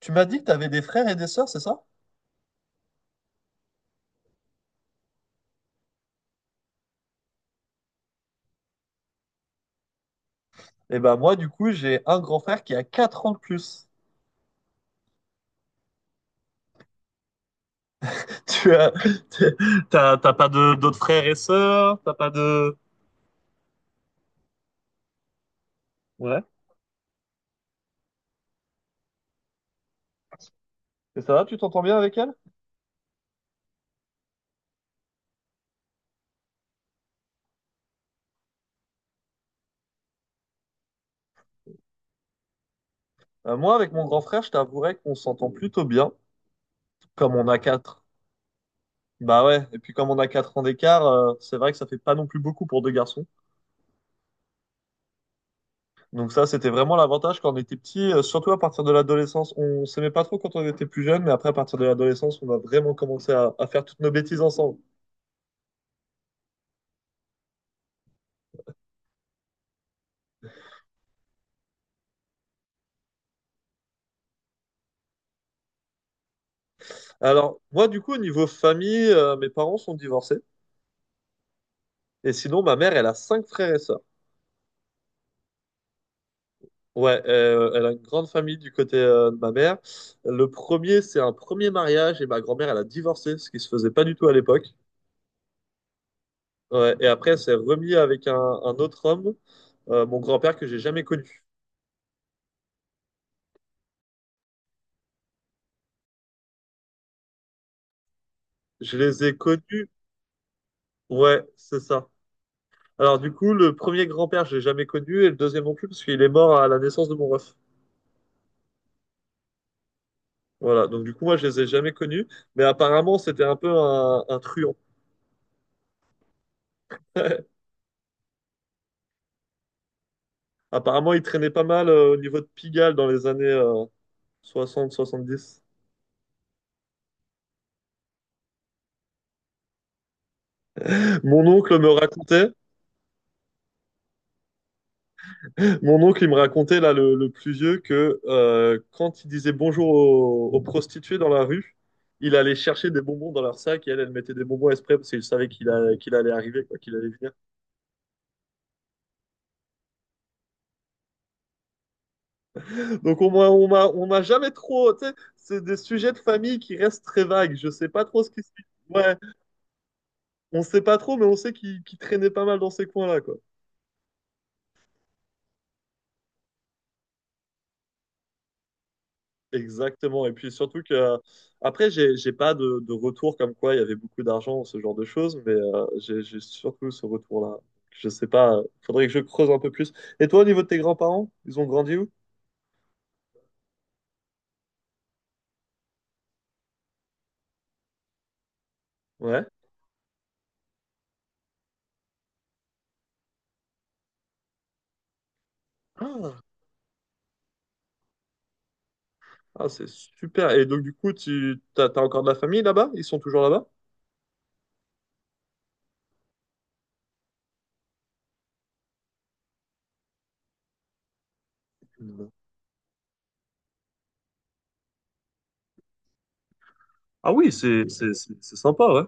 Tu m'as dit que tu avais des frères et des sœurs, c'est ça? Eh ben moi, du coup, j'ai un grand frère qui a quatre ans de plus. Tu as, t'es- t'as pas de, d'autres frères et sœurs? T'as pas de... Ouais. Et ça va, tu t'entends bien avec elle? Moi, avec mon grand frère, je t'avouerais qu'on s'entend plutôt bien, comme on a 4. Bah ouais, et puis comme on a 4 ans d'écart, c'est vrai que ça fait pas non plus beaucoup pour deux garçons. Donc ça, c'était vraiment l'avantage quand on était petit, surtout à partir de l'adolescence. On s'aimait pas trop quand on était plus jeune, mais après, à partir de l'adolescence, on a vraiment commencé à faire toutes nos bêtises ensemble. Alors, moi, du coup, au niveau famille, mes parents sont divorcés. Et sinon, ma mère, elle a cinq frères et sœurs. Ouais, elle a une grande famille du côté de ma mère. Le premier, c'est un premier mariage et ma grand-mère, elle a divorcé, ce qui se faisait pas du tout à l'époque. Ouais, et après, elle s'est remise avec un autre homme, mon grand-père que j'ai jamais connu. Je les ai connus. Ouais, c'est ça. Alors, du coup, le premier grand-père, je l'ai jamais connu et le deuxième non plus parce qu'il est mort à la naissance de mon ref. Voilà, donc du coup, moi, je les ai jamais connus, mais apparemment, c'était un peu un truand. Apparemment, il traînait pas mal au niveau de Pigalle dans les années 60-70. Mon oncle me racontait, mon oncle, il me racontait, là, le plus vieux, que quand il disait bonjour aux prostituées dans la rue, il allait chercher des bonbons dans leur sac et elle, elle mettait des bonbons exprès parce qu'il savait qu'il allait arriver, quoi, qu'il allait venir. Donc, on m'a jamais trop, tu sais, c'est des sujets de famille qui restent très vagues. Je sais pas trop ce qui se passe. Ouais. On sait pas trop, mais on sait qu'il traînait pas mal dans ces coins-là, quoi. Exactement. Et puis surtout que, après, j'ai pas de, de retour comme quoi il y avait beaucoup d'argent, ou ce genre de choses, mais j'ai surtout ce retour-là. Je sais pas, faudrait que je creuse un peu plus. Et toi, au niveau de tes grands-parents, ils ont grandi où? Ouais. Ah, ah, c'est super. Et donc, du coup, tu t'as, t'as encore de la famille là-bas? Ils sont toujours là-bas? Non. Ah oui, c'est sympa, ouais.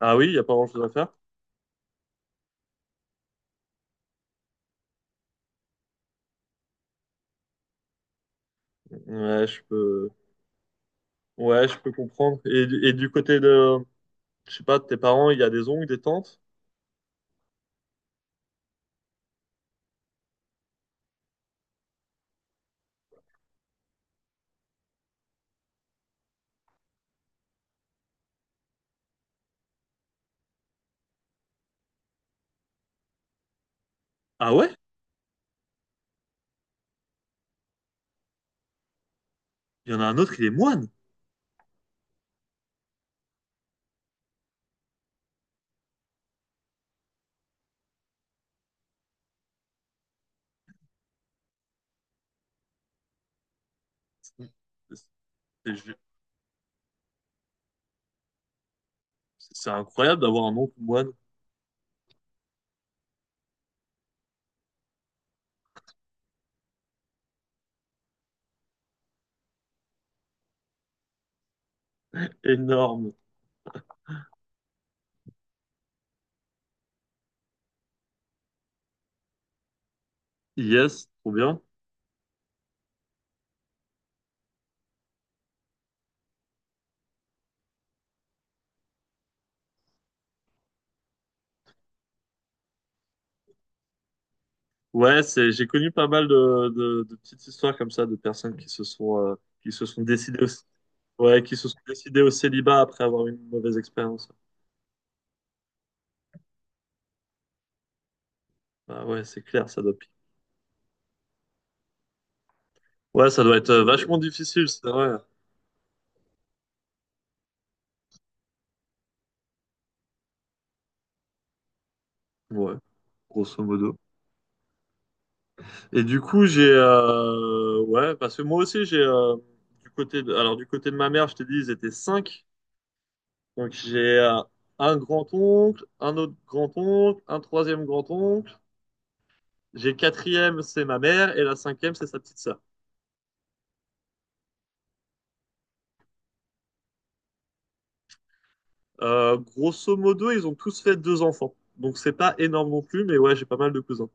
Ah oui, il n'y a pas grand-chose à faire. Ouais, je peux, ouais, je peux comprendre. Et du côté de, je sais pas, tes parents, il y a des oncles, des tantes? Ah ouais? Il y en a un autre, il est moine. C'est c'est- c'est incroyable d'avoir un oncle moine énorme. Yes, trop bien. Ouais, c'est, j'ai connu pas mal de petites histoires comme ça, de personnes qui se sont décidées au, ouais, qui se sont décidées au célibat après avoir eu une mauvaise expérience. Bah ouais, c'est clair, ça doit piquer. Ouais, ça doit être vachement difficile, c'est vrai. Ouais, grosso modo. Et du coup, j'ai ouais, parce que moi aussi j'ai du côté de, alors du côté de ma mère, je t'ai dit, ils étaient cinq. Donc j'ai un grand-oncle, un autre grand-oncle, un troisième grand-oncle. J'ai quatrième, c'est ma mère, et la cinquième, c'est sa petite sœur. Grosso modo, ils ont tous fait deux enfants. Donc c'est pas énorme non plus, mais ouais, j'ai pas mal de cousins.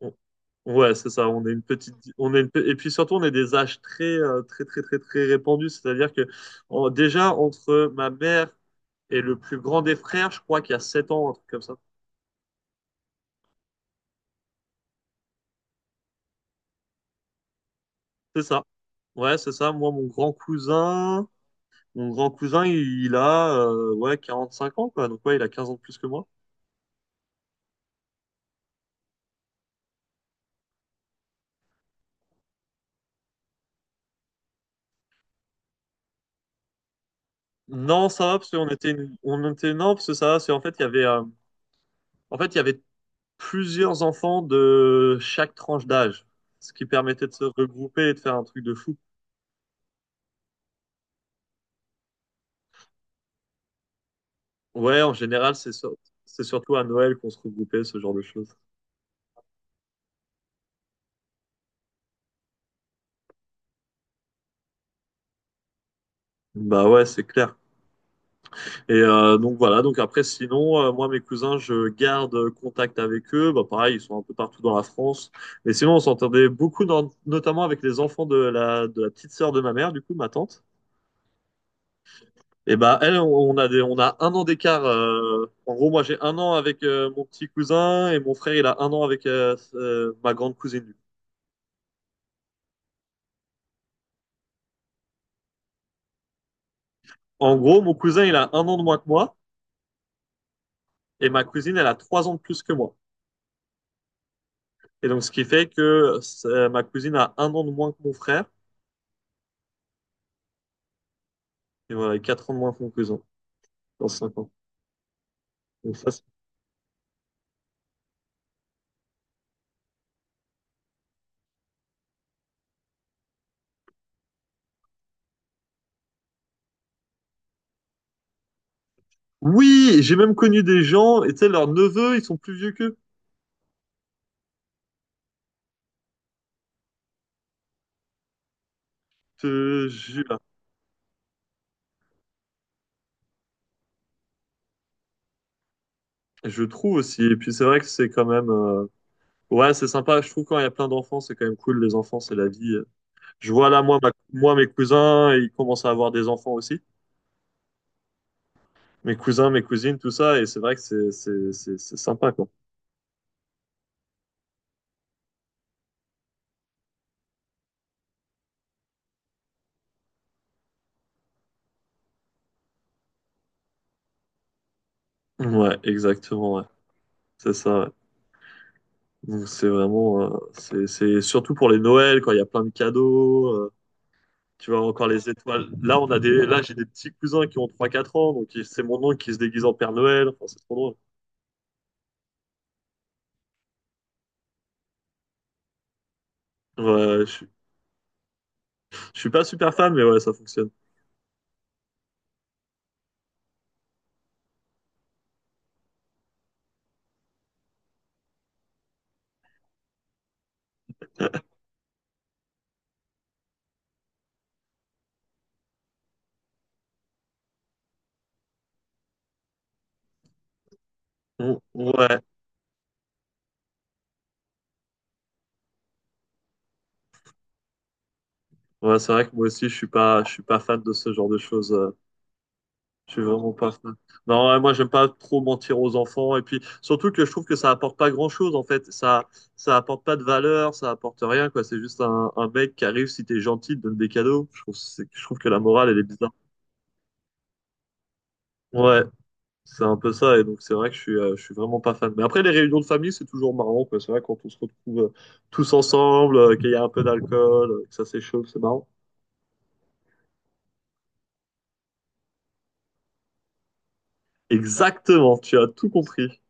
on- Ouais, c'est ça. On est une et puis surtout on est des âges très, très répandus. C'est-à-dire que déjà entre ma mère et le plus grand des frères, je crois qu'il y a 7 ans, un truc comme ça. C'est ça. Ouais, c'est ça. Moi, mon grand cousin, il a ouais cinq ans quoi. Donc ouais, il a 15 ans de plus que moi. Non, ça va parce on était non parce que ça va. C'est en fait il y avait, en fait il y avait plusieurs enfants de chaque tranche d'âge, ce qui permettait de se regrouper et de faire un truc de fou. Ouais, en général, c'est surtout à Noël qu'on se regroupait, ce genre de choses. Bah ouais, c'est clair. Et donc voilà, donc après, sinon, moi, mes cousins, je garde contact avec eux. Bah pareil, ils sont un peu partout dans la France. Mais sinon, on s'entendait beaucoup, notamment avec les enfants de la petite sœur de ma mère, du coup, ma tante. Et bah elle, on a un an d'écart. En gros, moi j'ai un an avec mon petit cousin et mon frère il a un an avec ma grande cousine. En gros, mon cousin il a un an de moins que moi et ma cousine elle a trois ans de plus que moi. Et donc ce qui fait que ma cousine a un an de moins que mon frère et voilà, quatre ans de moins que mon cousin dans cinq ans. Donc ça, c'est- oui, j'ai même connu des gens et tu sais leurs neveux ils sont plus vieux qu'eux. Je, je, je trouve aussi. Et puis c'est vrai que c'est quand même. Euh, ouais, c'est sympa. Je trouve quand il y a plein d'enfants, c'est quand même cool. Les enfants, c'est la vie. Je vois là, moi, moi, mes cousins, ils commencent à avoir des enfants aussi. Mes cousins, mes cousines, tout ça. Et c'est vrai que c'est sympa, quoi. Ouais, exactement, ouais. C'est ça, ouais. Donc, c'est vraiment, c'est surtout pour les Noëls, quand il y a plein de cadeaux. Euh, tu vois, encore les étoiles. Là, j'ai des petits cousins qui ont trois quatre ans. Donc, c'est mon oncle qui se déguise en Père Noël. Enfin, c'est trop drôle. Ouais, ouais, je suis pas super fan, mais ouais, ça fonctionne. Ouais, ouais, c'est vrai que moi aussi, je suis pas fan de ce genre de choses. Euh, je suis vraiment pas fan. Non, ouais, moi, j'aime pas trop mentir aux enfants. Et puis, surtout que je trouve que ça apporte pas grand-chose, en fait. Ça apporte pas de valeur, ça apporte rien, quoi. C'est juste un mec qui arrive, si t'es gentil, te donne des cadeaux. Je trouve que la morale, elle est bizarre. Ouais, c'est un peu ça. Et donc, c'est vrai que je suis vraiment pas fan. Mais après, les réunions de famille, c'est toujours marrant, quoi. C'est vrai, quand on se retrouve tous ensemble, qu'il y a un peu d'alcool, que ça s'échauffe, c'est marrant. Exactement, tu as tout compris.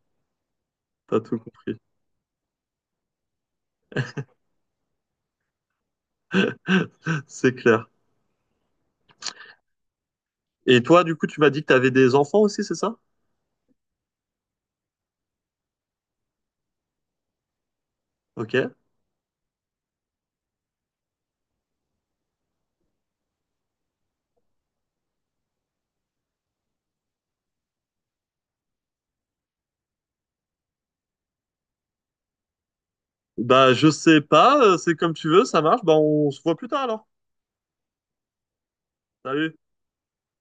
T'as tout compris. C'est clair. Et toi, du coup, tu m'as dit que tu avais des enfants aussi, c'est ça? Ok. Bah, je sais pas, c'est comme tu veux, ça marche. Bah, on se voit plus tard alors. Salut.